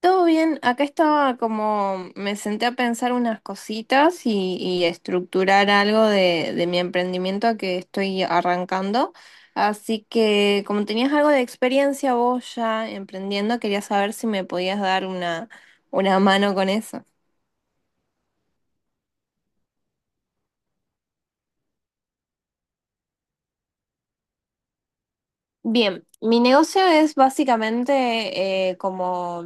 Todo bien, acá estaba como, me senté a pensar unas cositas y a estructurar algo de mi emprendimiento que estoy arrancando. Así que como tenías algo de experiencia vos ya emprendiendo, quería saber si me podías dar una mano con eso. Bien, mi negocio es básicamente como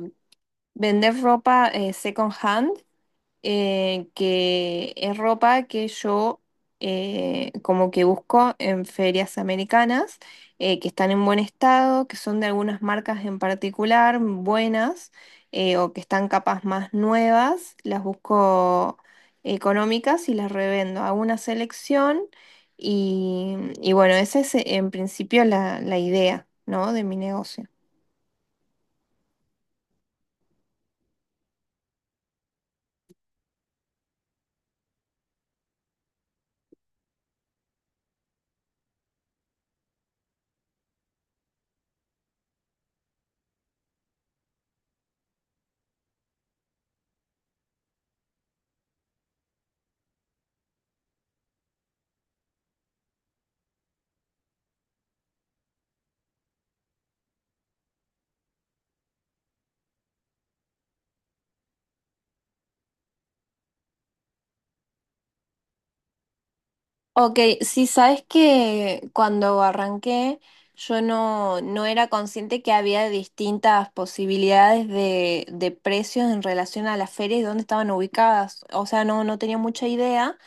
vender ropa second hand, que es ropa que yo como que busco en ferias americanas, que están en buen estado, que son de algunas marcas en particular buenas, o que están capas más nuevas, las busco económicas y las revendo. Hago una selección y, y bueno, esa es en principio la idea, ¿no? De mi negocio. Ok, sí, sabes que cuando arranqué yo no era consciente que había distintas posibilidades de precios en relación a las ferias y dónde estaban ubicadas. O sea, no tenía mucha idea.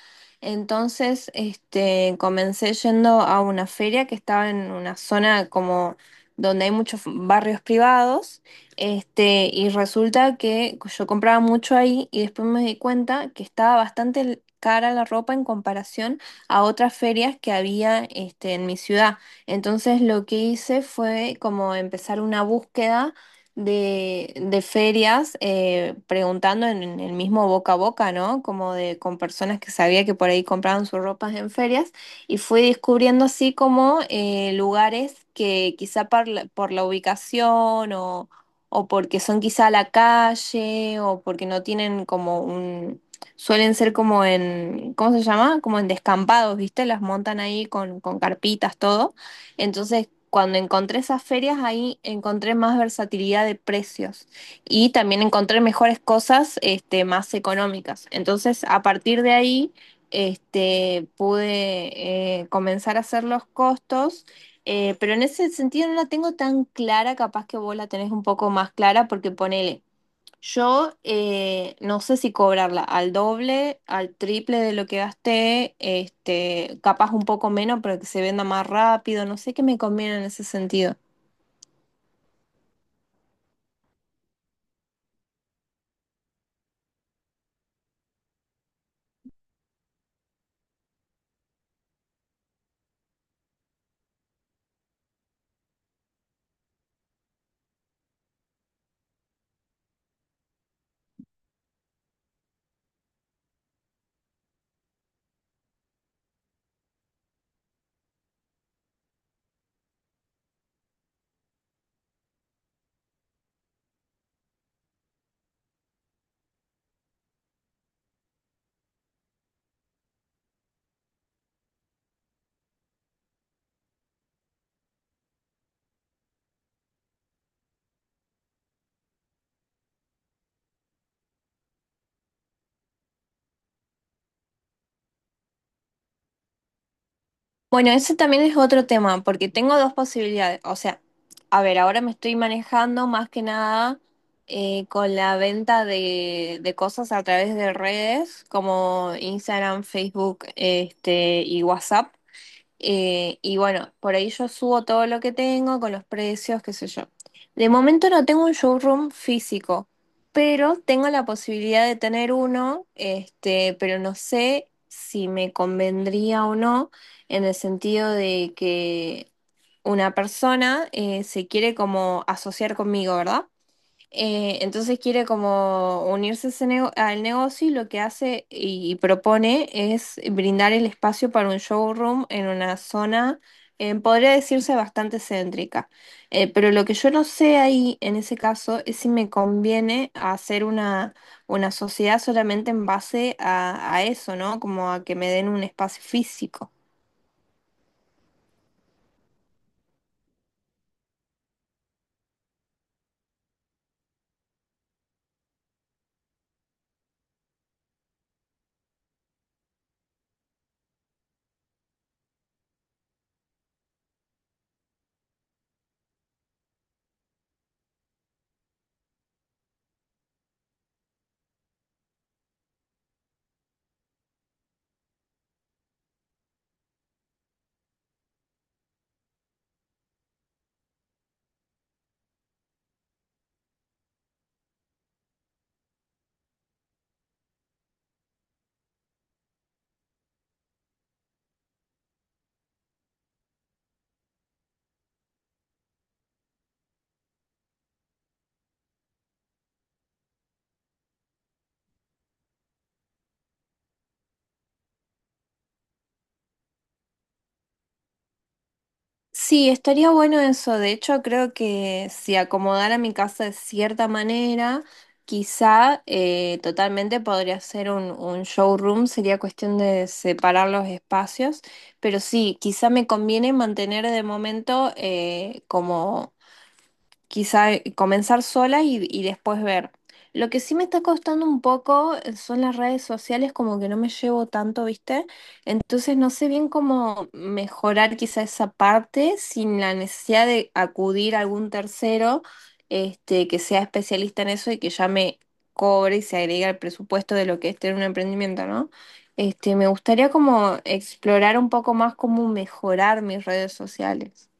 Entonces, este, comencé yendo a una feria que estaba en una zona como donde hay muchos barrios privados. Este, y resulta que yo compraba mucho ahí y después me di cuenta que estaba bastante cara la ropa en comparación a otras ferias que había, este, en mi ciudad. Entonces lo que hice fue como empezar una búsqueda de ferias, preguntando en el mismo boca a boca, ¿no? Como de con personas que sabía que por ahí compraban sus ropas en ferias, y fui descubriendo así como lugares que quizá por la ubicación, o porque son quizá a la calle, o porque no tienen como un, suelen ser como en, ¿cómo se llama? Como en descampados, ¿viste? Las montan ahí con carpitas, todo. Entonces, cuando encontré esas ferias, ahí encontré más versatilidad de precios y también encontré mejores cosas, este, más económicas. Entonces, a partir de ahí, este, pude, comenzar a hacer los costos. Pero en ese sentido no la tengo tan clara, capaz que vos la tenés un poco más clara, porque ponele, yo, no sé si cobrarla al doble, al triple de lo que gasté, este, capaz un poco menos, pero que se venda más rápido, no sé qué me conviene en ese sentido. Bueno, ese también es otro tema, porque tengo dos posibilidades. O sea, a ver, ahora me estoy manejando más que nada, con la venta de cosas a través de redes como Instagram, Facebook, este, y WhatsApp. Y bueno, por ahí yo subo todo lo que tengo con los precios, qué sé yo. De momento no tengo un showroom físico, pero tengo la posibilidad de tener uno, este, pero no sé si me convendría o no, en el sentido de que una persona se quiere como asociar conmigo, ¿verdad? Entonces quiere como unirse a ese al negocio, y lo que hace y propone es brindar el espacio para un showroom en una zona podría decirse bastante céntrica. Pero lo que yo no sé ahí en ese caso es si me conviene hacer una sociedad solamente en base a eso, ¿no? Como a que me den un espacio físico. Sí, estaría bueno eso. De hecho, creo que si acomodara mi casa de cierta manera, quizá, totalmente podría ser un showroom. Sería cuestión de separar los espacios. Pero sí, quizá me conviene mantener de momento, como quizá, comenzar sola y después ver. Lo que sí me está costando un poco, son las redes sociales, como que no me llevo tanto, ¿viste? Entonces no sé bien cómo mejorar quizá esa parte sin la necesidad de acudir a algún tercero, este, que sea especialista en eso y que ya me cobre y se agrega al presupuesto de lo que es tener un emprendimiento, ¿no? Este, me gustaría como explorar un poco más cómo mejorar mis redes sociales.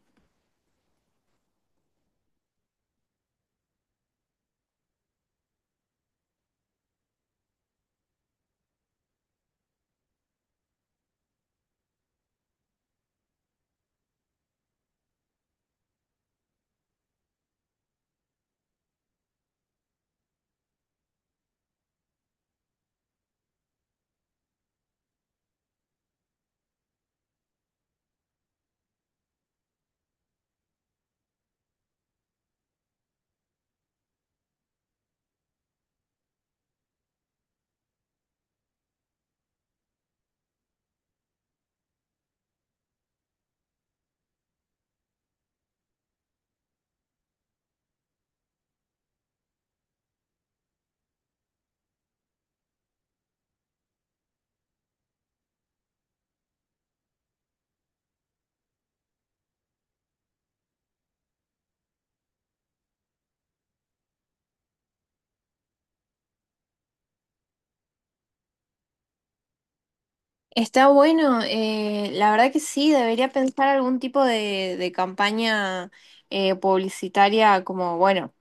Está bueno, la verdad que sí, debería pensar algún tipo de campaña publicitaria como, bueno,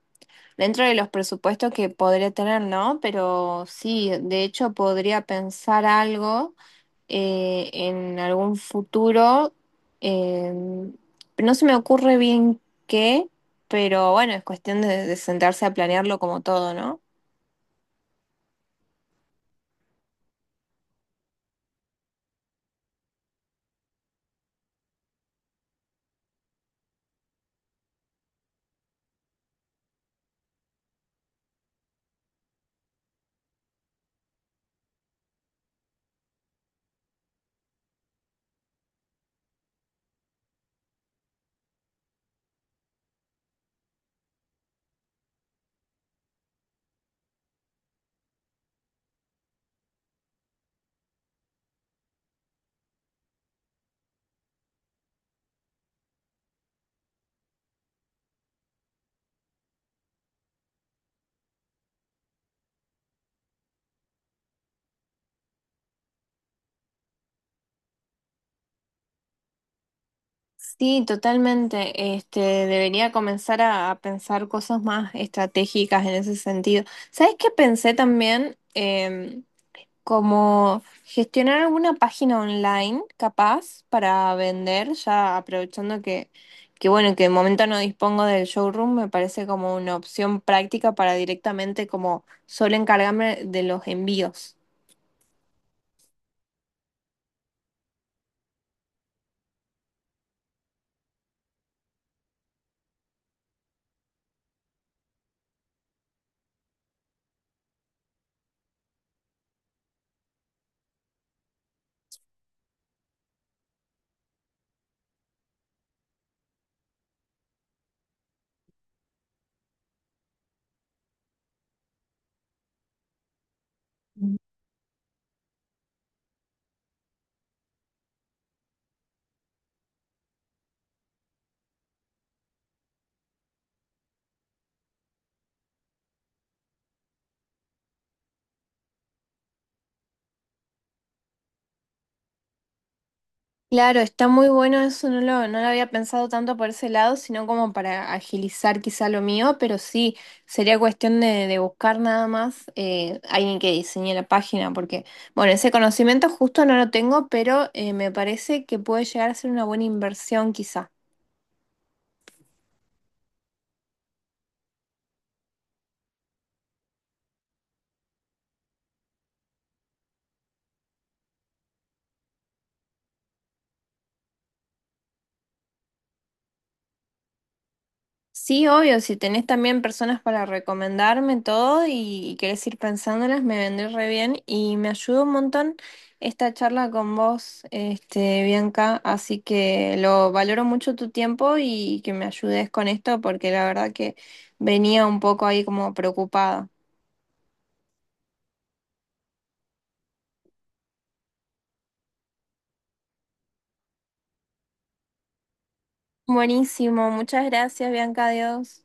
dentro de los presupuestos que podría tener, ¿no? Pero sí, de hecho podría pensar algo en algún futuro. eh, no se me ocurre bien qué, pero bueno, es cuestión de sentarse a planearlo como todo, ¿no? Sí, totalmente. Este, debería comenzar a pensar cosas más estratégicas en ese sentido. ¿Sabes qué pensé también? Em, como gestionar alguna página online capaz para vender, ya aprovechando que bueno, que de momento no dispongo del showroom, me parece como una opción práctica para directamente como solo encargarme de los envíos. Claro, está muy bueno eso, no lo había pensado tanto por ese lado, sino como para agilizar quizá lo mío, pero sí, sería cuestión de buscar nada más, alguien que diseñe la página, porque, bueno, ese conocimiento justo no lo tengo, pero me parece que puede llegar a ser una buena inversión quizá. Sí, obvio, si tenés también personas para recomendarme todo y querés ir pensándolas, me vendré re bien y me ayudó un montón esta charla con vos, este, Bianca, así que lo valoro mucho tu tiempo y que me ayudes con esto porque la verdad que venía un poco ahí como preocupada. Buenísimo, muchas gracias, Bianca, adiós.